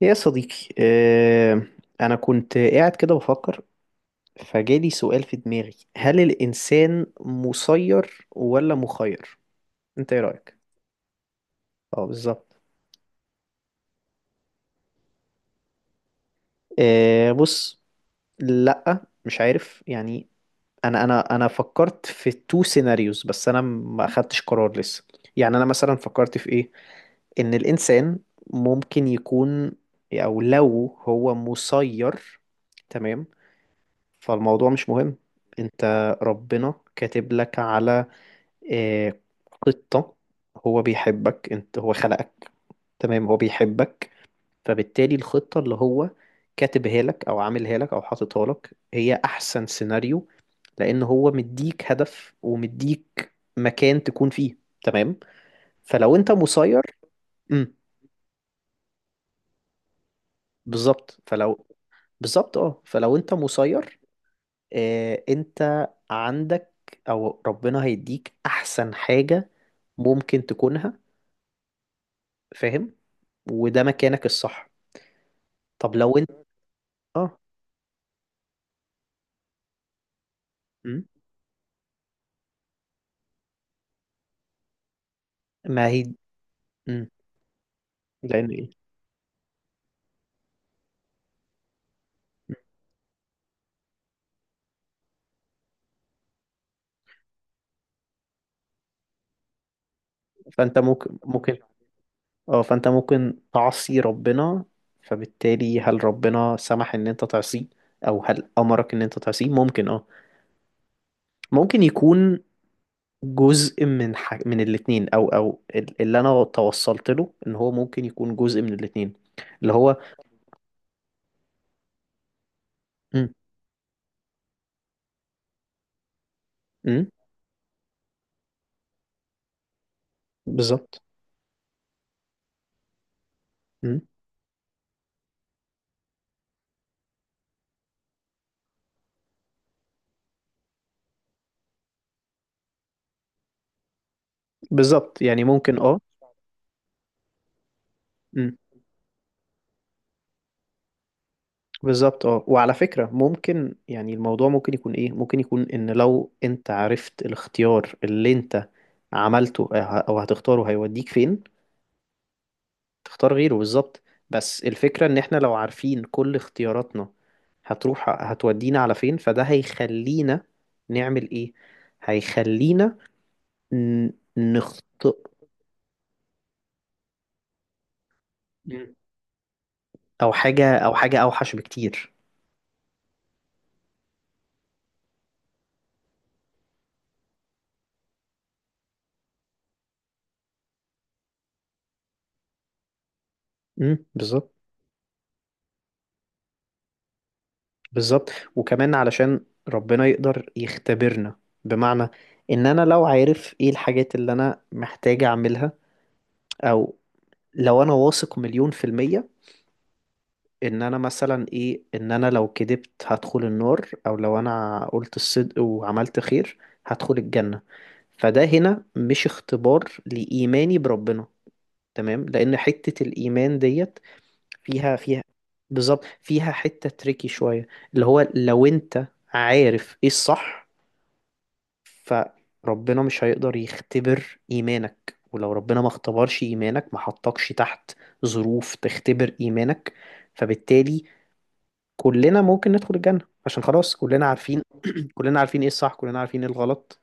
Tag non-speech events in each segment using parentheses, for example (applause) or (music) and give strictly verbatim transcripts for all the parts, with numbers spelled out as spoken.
يا صديقي آه، أنا كنت قاعد كده بفكر فجالي سؤال في دماغي، هل الإنسان مسير ولا مخير؟ أنت إيه رأيك؟ أه بالظبط. آه، بص، لأ مش عارف يعني. أنا أنا أنا فكرت في تو سيناريوز، بس أنا ما أخدتش قرار لسه. يعني أنا مثلا فكرت في إيه؟ إن الإنسان ممكن يكون، أو لو هو مسير، تمام، فالموضوع مش مهم. انت ربنا كاتب لك على، آه، خطة. هو بيحبك، انت هو خلقك، تمام، هو بيحبك، فبالتالي الخطة اللي هو كاتبها لك او عاملها لك او حاططها لك هي احسن سيناريو، لان هو مديك هدف ومديك مكان تكون فيه، تمام. فلو انت مسير، امم بالظبط، فلو، بالظبط اه، فلو انت مسير، آه، انت عندك، او ربنا هيديك احسن حاجة ممكن تكونها، فاهم، وده مكانك الصح. طب لو انت اه. مم. ما هي. مم. لان ايه. مم. فانت ممكن ممكن اه، فانت ممكن تعصي ربنا، فبالتالي هل ربنا سمح ان انت تعصيه او هل امرك ان انت تعصيه؟ ممكن اه، ممكن يكون جزء من ح... من الاتنين، او او ال- اللي انا توصلت له ان هو ممكن يكون جزء من الاتنين اللي هو. مم. مم. بالظبط. مم. بالظبط يعني ممكن اه. مم. بالظبط اه، وعلى فكرة ممكن، يعني الموضوع ممكن يكون ايه، ممكن يكون ان لو انت عرفت الاختيار اللي انت عملته اه، او هتختاره هيوديك فين، تختار غيره بالظبط. بس الفكرة ان احنا لو عارفين كل اختياراتنا هتروح هتودينا على فين، فده هيخلينا نعمل ايه، هيخلينا ن- نخطئ. مم. او حاجة، او حاجة اوحش بكتير. مم. بالظبط. بالظبط، وكمان علشان ربنا يقدر يختبرنا، بمعنى ان انا لو عارف ايه الحاجات اللي انا محتاج اعملها، او لو انا واثق مليون في المية ان انا مثلا ايه، ان انا لو كدبت هدخل النار، او لو انا قلت الصدق وعملت خير هدخل الجنة، فده هنا مش اختبار لإيماني بربنا، تمام، لأن حتة الإيمان ديت فيها فيها بالظبط، فيها حتة تريكي شوية، اللي هو لو أنت عارف إيه الصح، فربنا مش هيقدر يختبر إيمانك، ولو ربنا ما اختبرش إيمانك ما حطكش تحت ظروف تختبر إيمانك، فبالتالي كلنا ممكن ندخل الجنة، عشان خلاص كلنا عارفين، كلنا عارفين ايه الصح، كلنا عارفين ايه الغلط.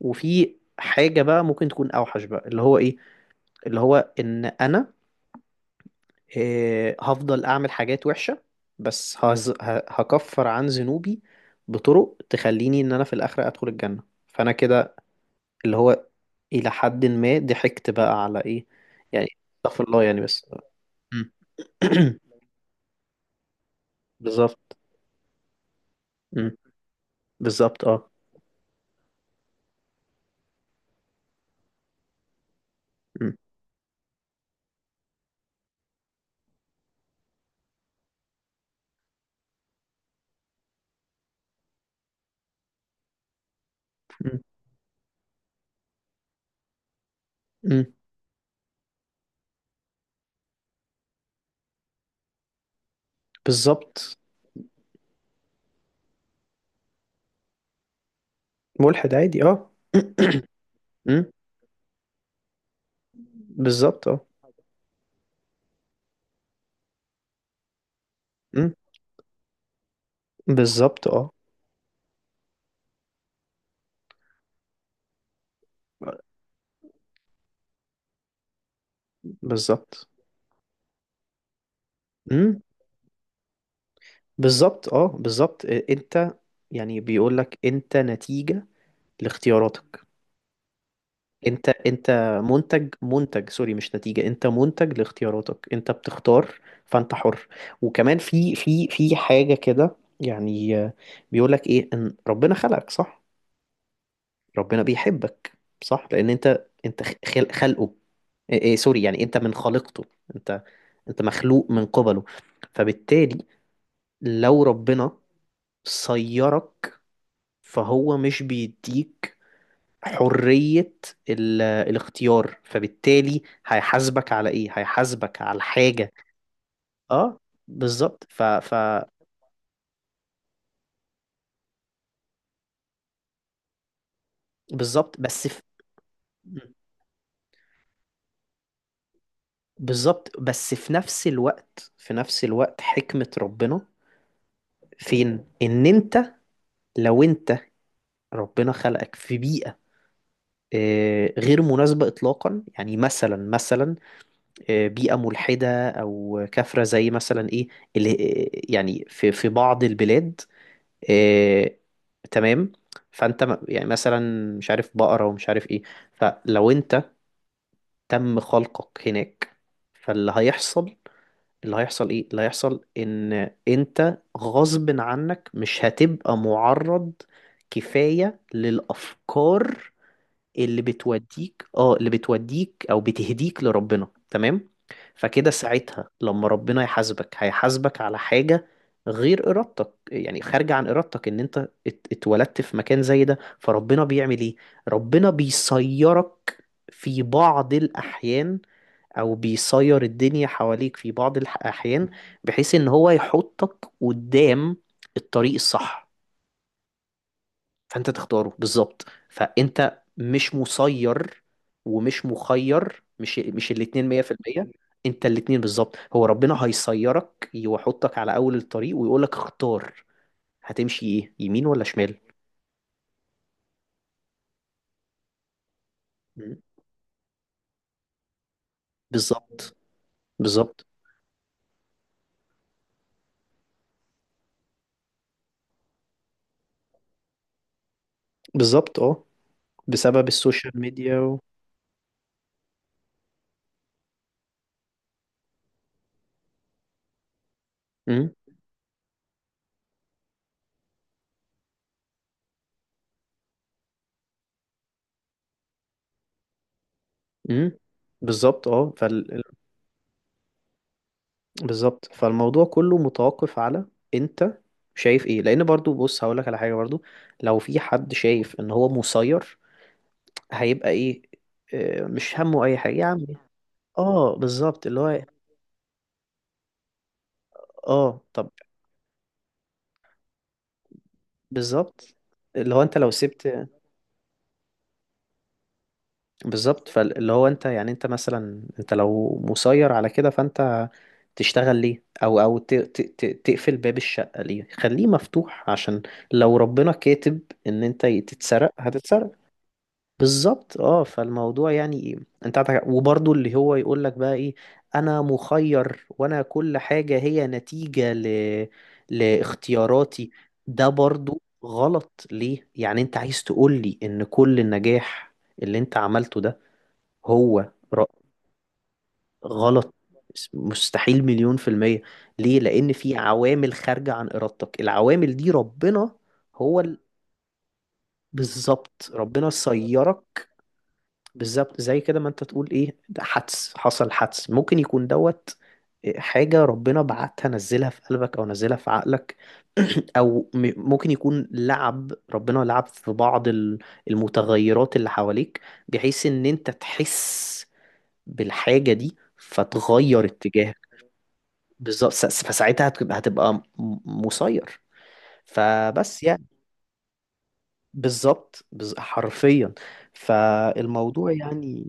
وفي حاجة بقى ممكن تكون أوحش بقى، اللي هو ايه، اللي هو إن أنا آه، هفضل أعمل حاجات وحشة، بس هز... ه- هكفر عن ذنوبي بطرق تخليني إن أنا في الآخرة أدخل الجنة، فأنا كده اللي هو إلى حد ما ضحكت بقى على إيه. يعني استغفر الله يعني، بس. مم. (clears throat) بالظبط. مم. بالظبط اه. مم. مم. مم. بالظبط. ملحد عادي اه. (clears throat) مم. بالظبط اه. مم. بالظبط اه. بالظبط. مم. بالظبط اه، بالظبط إيه، انت، يعني بيقول لك انت نتيجة لاختياراتك، انت انت منتج، منتج سوري، مش نتيجة، انت منتج لاختياراتك، انت بتختار فانت حر. وكمان في في في حاجة كده يعني، آه، بيقولك ايه، ان ربنا خلقك صح، ربنا بيحبك صح، لان انت انت خل- خلقه، إيه إيه سوري يعني، انت من خالقته، انت، انت مخلوق من قبله، فبالتالي لو ربنا صيرك فهو مش بيديك حرية ال- الاختيار، فبالتالي هيحاسبك على ايه، هيحاسبك على حاجة. اه بالظبط ف ف بالظبط، بس في، بالظبط بس في نفس الوقت، في نفس الوقت حكمة ربنا فين، ان انت، لو انت، ربنا خلقك في بيئة آه، غير مناسبة إطلاقا، يعني مثلا مثلا، آه، بيئة ملحدة أو كافرة، زي مثلا إيه اللي، يعني في في بعض البلاد إيه، تمام. فانت م- يعني مثلا مش عارف بقرة ومش عارف ايه، فلو انت تم خلقك هناك، فاللي هيحصل، اللي هيحصل ايه، اللي هيحصل ان انت غصب عنك مش هتبقى معرض كفاية للأفكار اللي بتوديك اه اللي بتوديك او بتهديك لربنا، تمام. فكده ساعتها لما ربنا يحاسبك هيحاسبك على حاجة غير إرادتك، يعني خارجة عن إرادتك، إن أنت ات- اتولدت في مكان زي ده، فربنا بيعمل إيه؟ ربنا بيصيرك في بعض الأحيان، أو بيصير الدنيا حواليك في بعض الأحيان، بحيث إن هو يحطك قدام الطريق الصح، فانت تختاره، بالظبط، فانت مش مسير ومش مخير، مش مش الاتنين مية في المية، انت الاتنين بالظبط، هو ربنا هيسيرك ويحطك على اول الطريق ويقولك اختار، هتمشي ايه، يمين ولا شمال. م. بالظبط. بالظبط. بالظبط اه، بسبب السوشيال ميديا و... م. م. بالظبط اه فال... ال- بالظبط، فالموضوع كله متوقف على انت شايف ايه، لان برضو بص هقولك على حاجة برضو، لو في حد شايف ان هو مسير هيبقى ايه، آه، مش همه اي حاجه يا عم. اه بالظبط اللي هو، اه طب، بالظبط اللي هو انت لو سبت، بالظبط، فاللي هو انت يعني، انت مثلا انت لو مسير على كده، فانت تشتغل ليه، او او ت- ت- ت- تقفل باب الشقه ليه، خليه مفتوح، عشان لو ربنا كاتب ان انت تتسرق هتتسرق. بالظبط اه، فالموضوع يعني ايه، انت عندك، وبرضه اللي هو يقول لك بقى ايه، انا مخير وانا كل حاجة هي نتيجة ل... لاختياراتي، ده برضه غلط ليه، يعني انت عايز تقول لي ان كل النجاح اللي انت عملته ده هو ر- غلط، مستحيل مليون في المية، ليه، لان في عوامل خارجة عن ارادتك، العوامل دي ربنا هو ال... بالظبط ربنا سيرك، بالظبط، زي كده ما انت تقول ايه، ده حدث حصل، حدث ممكن يكون دوت حاجة ربنا بعتها نزلها في قلبك او نزلها في عقلك، (clears throat) او م- ممكن يكون لعب، ربنا لعب في بعض ال- المتغيرات اللي حواليك، بحيث ان انت تحس بالحاجة دي فتغير اتجاهك، بالظبط س- فساعتها هتبقى، هتبقى م- مسير، فبس يعني بالظبط بز- حرفيا، فالموضوع يعني.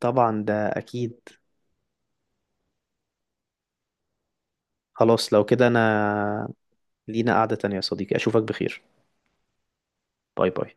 طبعا ده اكيد. خلاص لو كده انا، لينا قعدة تانية يا صديقي، اشوفك بخير، باي باي.